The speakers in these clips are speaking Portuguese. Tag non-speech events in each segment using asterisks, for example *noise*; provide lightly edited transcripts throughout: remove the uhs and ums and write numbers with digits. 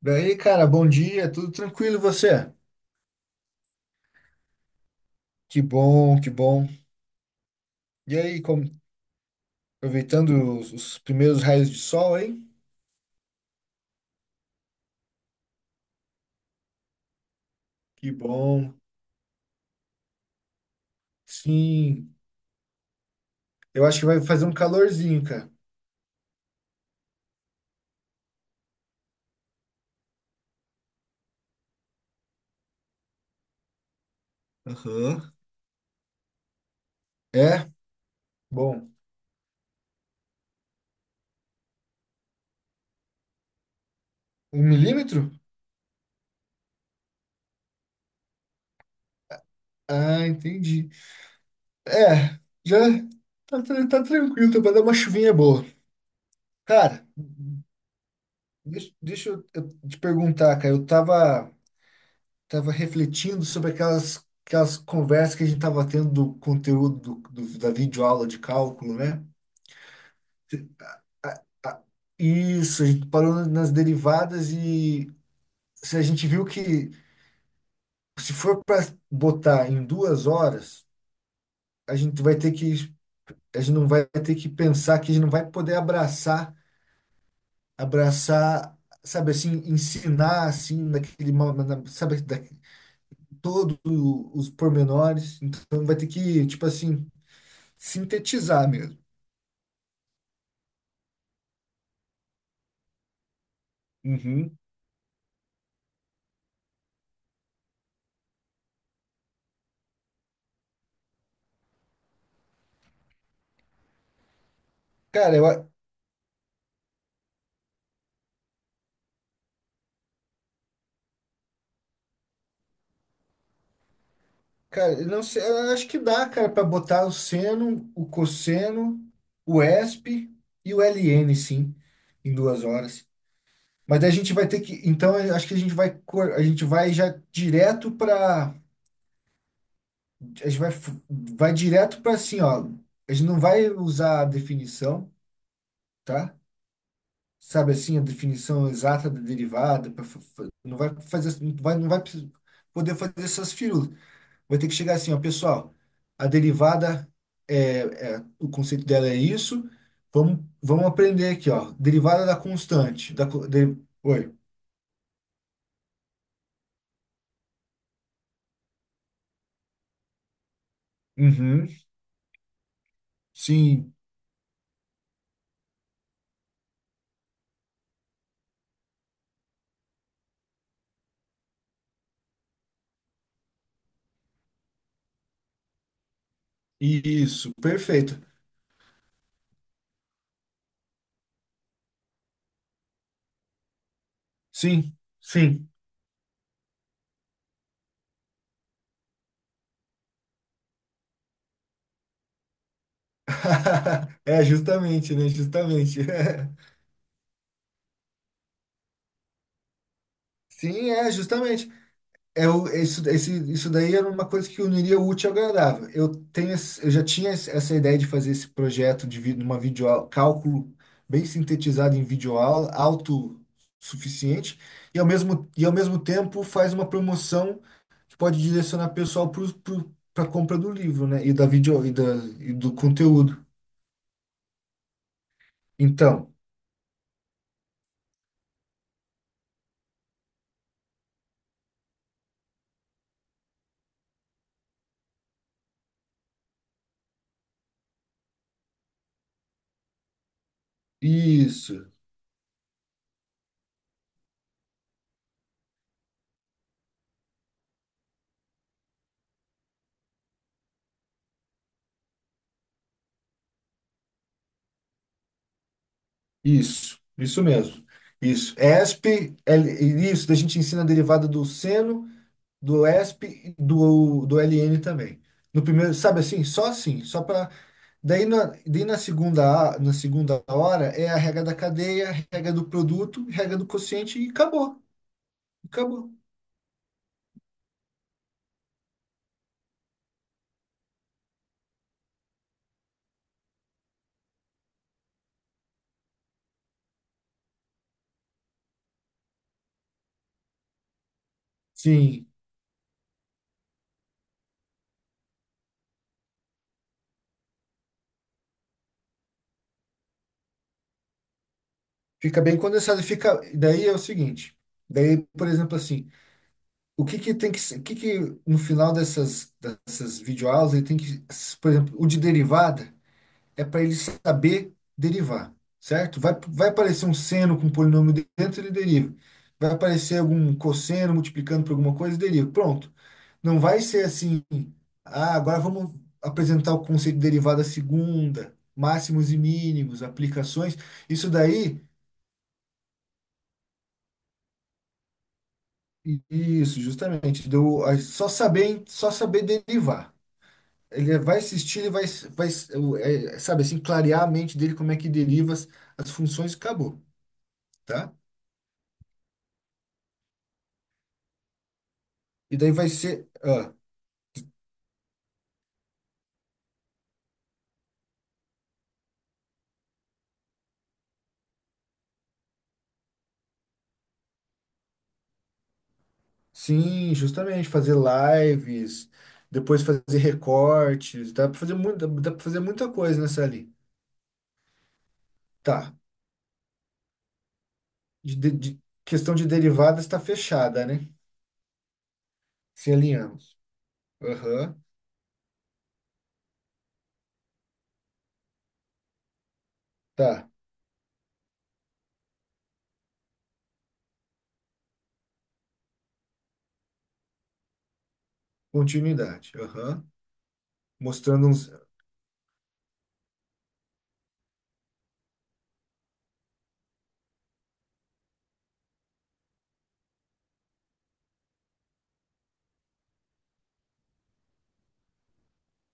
Daí, cara, bom dia, tudo tranquilo e você? Que bom, que bom. E aí, aproveitando os primeiros raios de sol, hein? Que bom. Sim, eu acho que vai fazer um calorzinho, cara. Aham. É? Bom. Um milímetro? Ah, entendi. É, já tá tranquilo, tá pra dar uma chuvinha boa. Cara, deixa eu te perguntar, cara. Eu tava refletindo sobre aquelas conversas que a gente tava tendo do conteúdo da videoaula de cálculo, né? A- a- Isso, a gente parou nas derivadas e se a gente viu que se for para botar em 2 horas, a gente vai ter que, a gente não vai ter que pensar que a gente não vai poder abraçar, abraçar, sabe assim, ensinar assim, naquele, sabe, todos os pormenores. Então vai ter que, tipo assim. Sintetizar mesmo. Uhum. Cara, eu não sei, eu acho que dá, cara, para botar o seno, o cosseno, o esp e o ln, sim, em 2 horas. Mas daí a gente vai ter que, então eu acho que a gente vai, a gente vai já direto para, a gente vai, vai direto para assim, ó, a gente não vai usar a definição, tá? Sabe assim, a definição exata da derivada, pra não vai fazer, não vai poder fazer essas firulas. Vai ter que chegar assim, ó, pessoal, a derivada o conceito dela é isso. Vamos, vamos aprender aqui, ó. Derivada da constante, oi. Uhum. Sim, isso, perfeito. Sim, sim. *laughs* É, justamente, né? Justamente. *laughs* Sim, é, justamente. Isso, isso daí era uma coisa que uniria o útil ao agradável. Eu já tinha essa ideia de fazer esse projeto numa videoaula, cálculo bem sintetizado em videoaula, autossuficiente, e ao mesmo tempo faz uma promoção que pode direcionar pessoal para a compra do livro, né? E da vídeo e, da, E do conteúdo. Então, isso, isso mesmo. Isso. ESP, isso, da gente ensina a derivada do seno. Do ESP e do LN também. No primeiro, sabe assim? Só assim, só para daí na segunda, na segunda hora é a regra da cadeia, a regra do produto, regra do quociente e acabou. Acabou. Sim, fica bem condensado, fica daí é o seguinte, daí, por exemplo, assim, o que que no final dessas videoaulas ele tem que, por exemplo, o de derivada é para ele saber derivar, certo? Vai, vai aparecer um seno com um polinômio dentro, ele deriva. Vai aparecer algum cosseno multiplicando por alguma coisa, deriva. Pronto. Não vai ser assim, ah, agora vamos apresentar o conceito de derivada segunda, máximos e mínimos, aplicações. Isso daí, isso, justamente, só saber derivar. Ele vai assistir, vai, é, sabe assim, clarear a mente dele como é que deriva as funções e acabou, tá? E daí vai ser. Ah, sim, justamente, fazer lives, depois fazer recortes, dá para fazer muito, dá para fazer muita coisa nessa ali. Tá. Questão de derivadas está fechada, né? Se alinhamos. Aham. Tá. Continuidade. Aham. Mostrando uns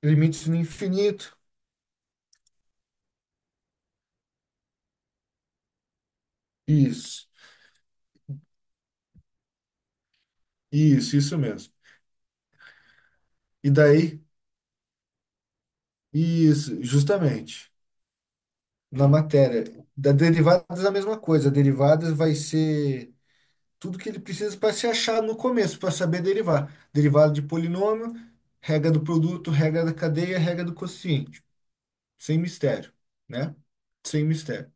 limites no infinito. Isso. Isso mesmo. E daí, isso, justamente. Na matéria. Da derivadas, é a mesma coisa. Derivadas vai ser. Tudo que ele precisa para se achar no começo, para saber derivar. Derivada de polinômio, regra do produto, regra da cadeia, regra do quociente. Sem mistério, né? Sem mistério.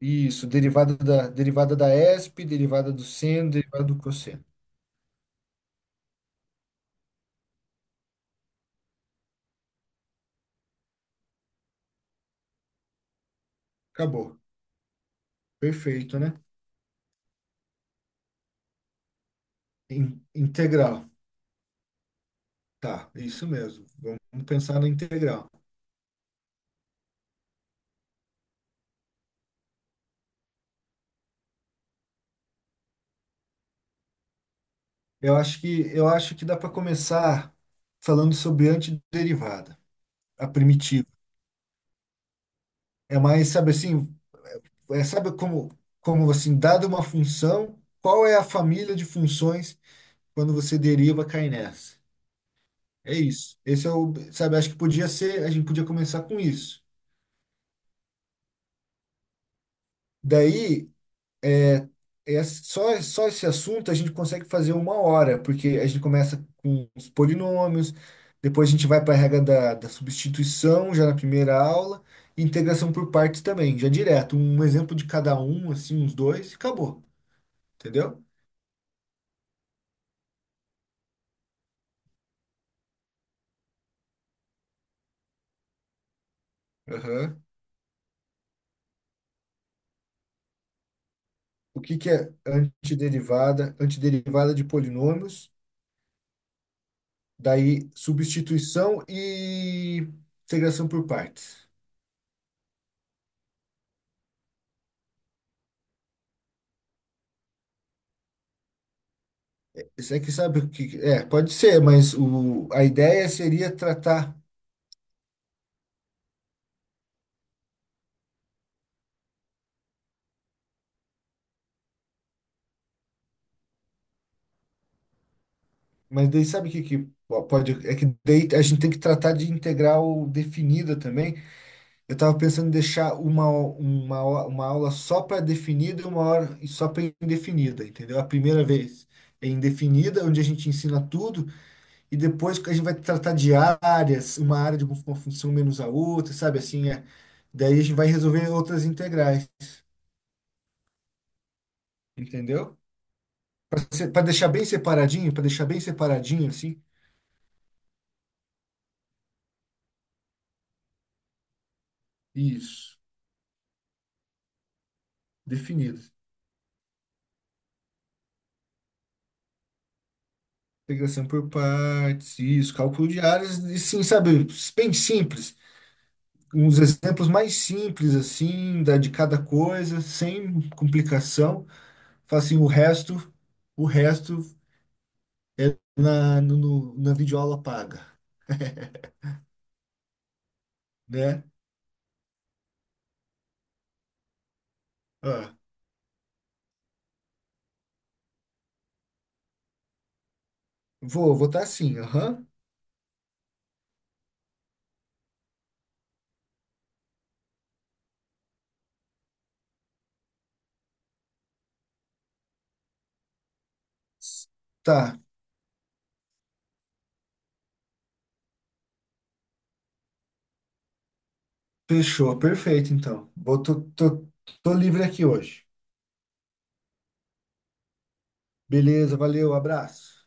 Isso, derivada da ESP, derivada do seno, derivada do cosseno. Acabou. Perfeito, né? Integral. Tá, isso mesmo. Vamos pensar na integral. Eu acho que dá para começar falando sobre antiderivada, a primitiva. É mais, sabe assim, é, sabe como, como assim, dada uma função, qual é a família de funções quando você deriva, cai nessa. É isso. Esse é o, sabe, acho que podia ser, a gente podia começar com isso. Daí, é, só, só esse assunto a gente consegue fazer uma hora, porque a gente começa com os polinômios, depois a gente vai para a regra da substituição, já na primeira aula, e integração por partes também, já direto, um exemplo de cada um, assim, uns dois, e acabou. Entendeu? Aham. O que que é antiderivada? Antiderivada de polinômios, daí substituição e integração por partes. Isso é que sabe o que. É, pode ser, mas o, a ideia seria tratar. Mas daí sabe o que, que pode. É que daí a gente tem que tratar de integral definida também. Eu estava pensando em deixar uma aula só para definida e uma hora só para indefinida, entendeu? A primeira vez é indefinida, onde a gente ensina tudo. E depois a gente vai tratar de áreas, uma área de uma função menos a outra, sabe assim? É. Daí a gente vai resolver outras integrais, entendeu? Para deixar bem separadinho, para deixar bem separadinho assim, isso, definido. Integração por partes, isso, cálculo de áreas, e sim, sabe, bem simples. Uns exemplos mais simples, assim, da, de cada coisa, sem complicação. Fala assim, o resto é na, no, na videoaula paga, né? Ah, vou, vou tá sim, aham. Tá, fechou, perfeito então. Vou, tô, livre aqui hoje. Beleza, valeu, abraço.